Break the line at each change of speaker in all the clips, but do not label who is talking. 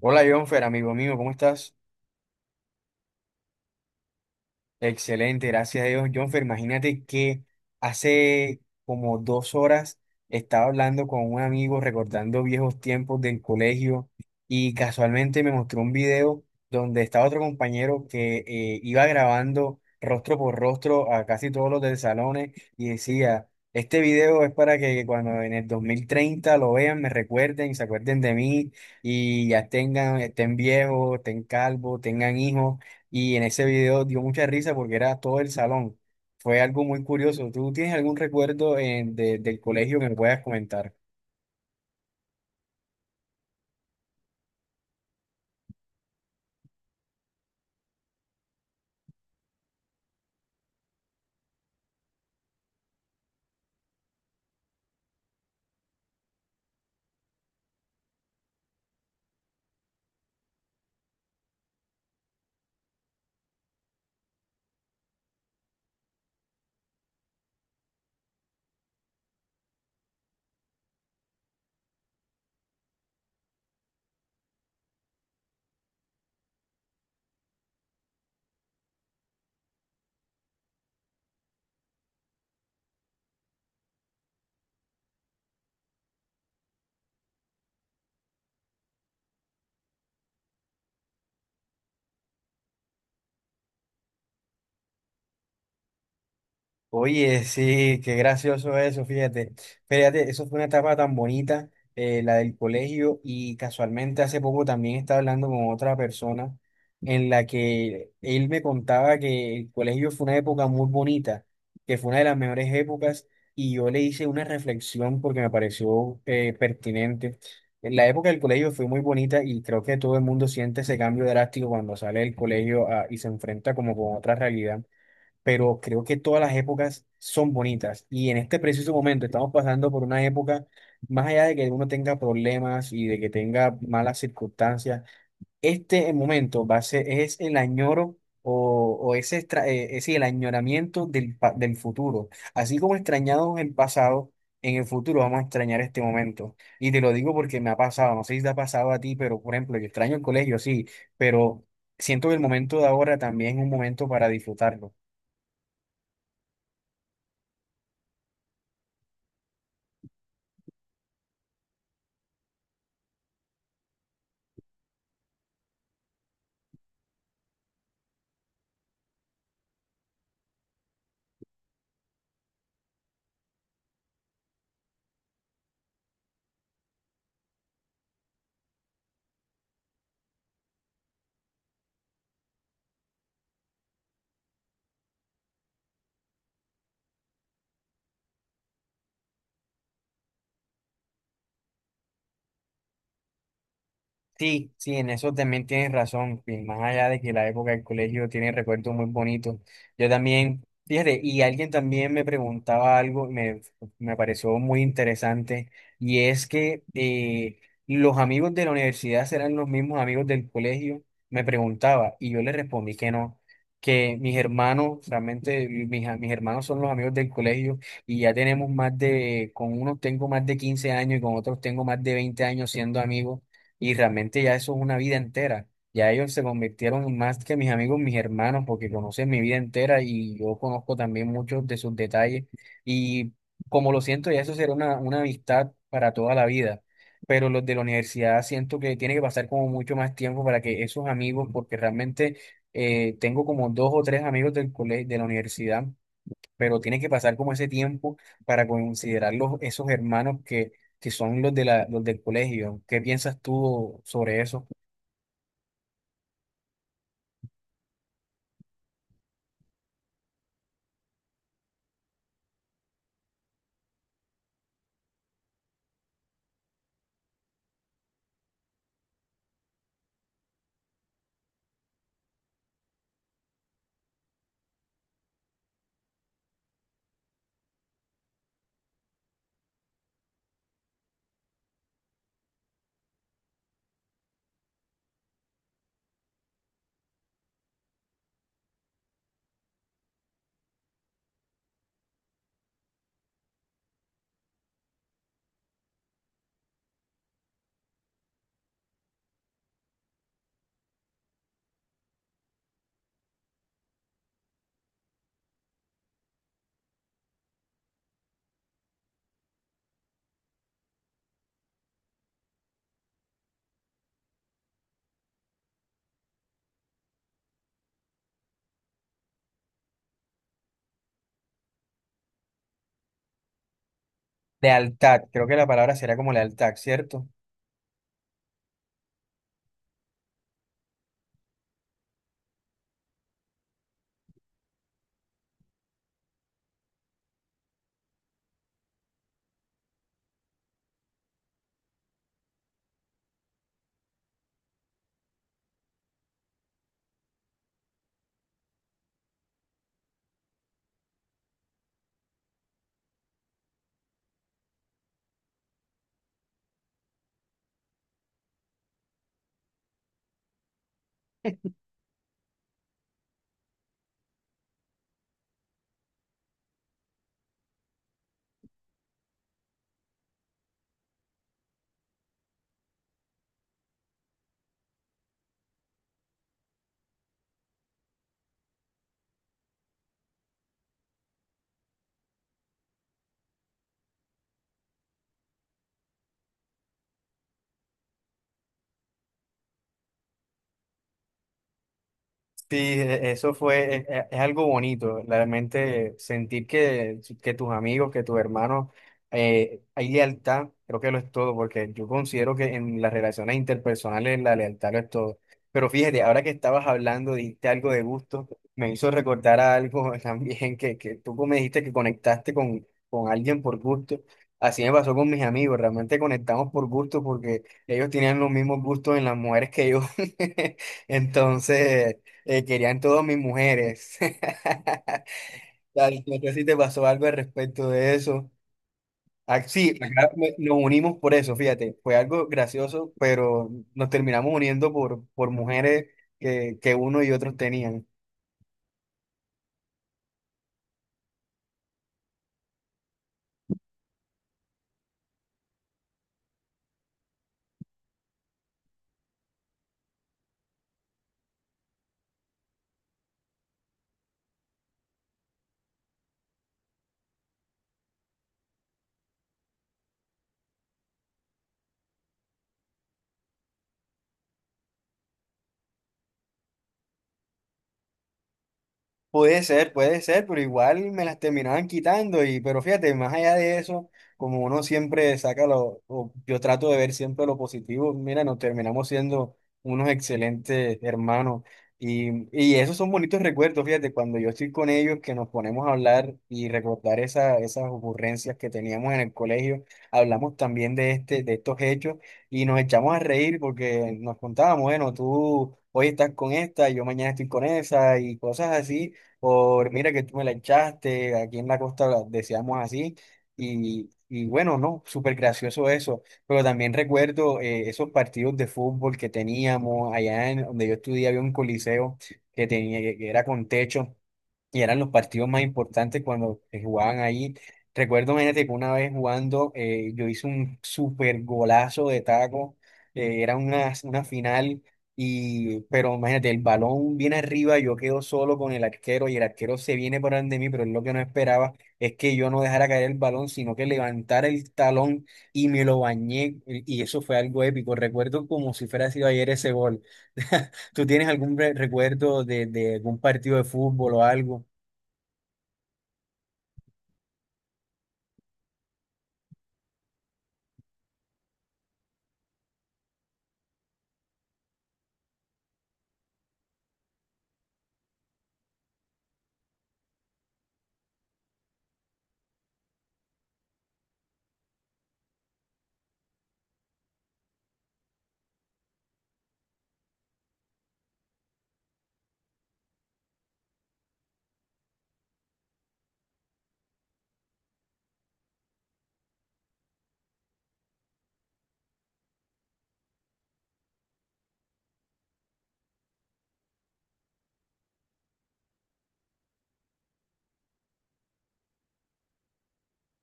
Hola, Jonfer, amigo mío, ¿cómo estás? Excelente, gracias a Dios, Jonfer. Imagínate que hace como 2 horas estaba hablando con un amigo recordando viejos tiempos del colegio y casualmente me mostró un video donde estaba otro compañero que iba grabando rostro por rostro a casi todos los del salón y decía, este video es para que cuando en el 2030 lo vean, me recuerden y se acuerden de mí y ya tengan, estén viejos, estén calvos, tengan hijos. Y en ese video dio mucha risa porque era todo el salón. Fue algo muy curioso. ¿Tú tienes algún recuerdo del colegio que me puedas comentar? Oye, sí, qué gracioso eso, fíjate. Fíjate, eso fue una etapa tan bonita, la del colegio, y casualmente hace poco también estaba hablando con otra persona en la que él me contaba que el colegio fue una época muy bonita, que fue una de las mejores épocas, y yo le hice una reflexión porque me pareció pertinente. En la época del colegio fue muy bonita y creo que todo el mundo siente ese cambio drástico cuando sale del colegio y se enfrenta como con otra realidad, pero creo que todas las épocas son bonitas y en este preciso momento estamos pasando por una época, más allá de que uno tenga problemas y de que tenga malas circunstancias, este momento va a es el añoro o ese, ese el añoramiento del futuro. Así como extrañamos el pasado, en el futuro vamos a extrañar este momento. Y te lo digo porque me ha pasado, no sé si te ha pasado a ti, pero por ejemplo, yo extraño el colegio, sí, pero siento que el momento de ahora también es un momento para disfrutarlo. Sí, sí, en eso también tienes razón. Y más allá de que la época del colegio tiene recuerdos muy bonitos. Yo también, fíjate, y alguien también me preguntaba algo, me pareció muy interesante, y es que los amigos de la universidad serán los mismos amigos del colegio, me preguntaba, y yo le respondí que no, que mis hermanos, realmente mis hermanos son los amigos del colegio, y ya tenemos con unos tengo más de 15 años y con otros tengo más de 20 años siendo amigos y realmente ya eso es una vida entera. Ya ellos se convirtieron en más que mis amigos, mis hermanos, porque conocen mi vida entera y yo conozco también muchos de sus detalles. Y como lo siento, ya eso será una amistad para toda la vida. Pero los de la universidad siento que tiene que pasar como mucho más tiempo para que esos amigos, porque realmente tengo como dos o tres amigos del colegio, de la universidad, pero tiene que pasar como ese tiempo para considerar esos hermanos que son los del colegio. ¿Qué piensas tú sobre eso? Lealtad, creo que la palabra será como lealtad, ¿cierto? Sí, e- eso fue, e- e- es, algo bonito, realmente sentir que tus amigos, que tus hermanos, hay lealtad, creo que lo es todo, porque yo considero que en las relaciones interpersonales la lealtad lo es todo. Pero fíjate, ahora que estabas hablando, dijiste algo de gusto, me hizo recordar a algo también que tú me dijiste que conectaste con alguien por gusto. Así me pasó con mis amigos, realmente conectamos por gusto porque ellos tenían los mismos gustos en las mujeres que yo. Entonces... Querían todas mis mujeres. No sé si te pasó algo al respecto de eso. Ah, sí, acá nos unimos por eso, fíjate. Fue algo gracioso, pero nos terminamos uniendo por mujeres que uno y otros tenían. Puede ser, pero igual me las terminaban quitando y, pero fíjate, más allá de eso, como uno siempre saca o yo trato de ver siempre lo positivo, mira, nos terminamos siendo unos excelentes hermanos y esos son bonitos recuerdos, fíjate, cuando yo estoy con ellos que nos ponemos a hablar y recordar esas ocurrencias que teníamos en el colegio, hablamos también de estos hechos y nos echamos a reír porque nos contábamos, bueno, tú hoy estás con esta, yo mañana estoy con esa y cosas así, por mira que tú me la echaste, aquí en la costa la decíamos así, y bueno, no, súper gracioso eso, pero también recuerdo esos partidos de fútbol que teníamos allá en donde yo estudié, había un coliseo que que era con techo. Y eran los partidos más importantes cuando se jugaban ahí. Recuerdo, imagínate que una vez jugando, yo hice un super golazo de taco. Era una final, y, pero imagínate, el balón viene arriba, yo quedo solo con el arquero y el arquero se viene por delante de mí, pero él lo que no esperaba es que yo no dejara caer el balón, sino que levantara el talón y me lo bañé. Y eso fue algo épico. Recuerdo como si fuera sido ayer ese gol. ¿Tú tienes algún recuerdo de algún partido de fútbol o algo?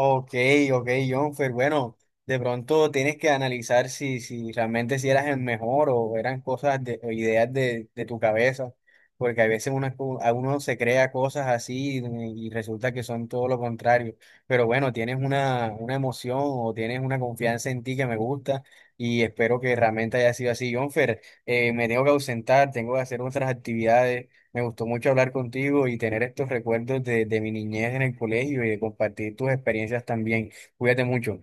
Ok, ok, Jonfer. Bueno, de pronto tienes que analizar si realmente si eras el mejor o eran cosas o ideas de tu cabeza, porque a veces a uno se crea cosas así y resulta que son todo lo contrario. Pero bueno, tienes una emoción o tienes una confianza en ti que me gusta y espero que realmente haya sido así, Jonfer. Me tengo que ausentar, tengo que hacer otras actividades. Me gustó mucho hablar contigo y tener estos recuerdos de mi niñez en el colegio y de compartir tus experiencias también. Cuídate mucho.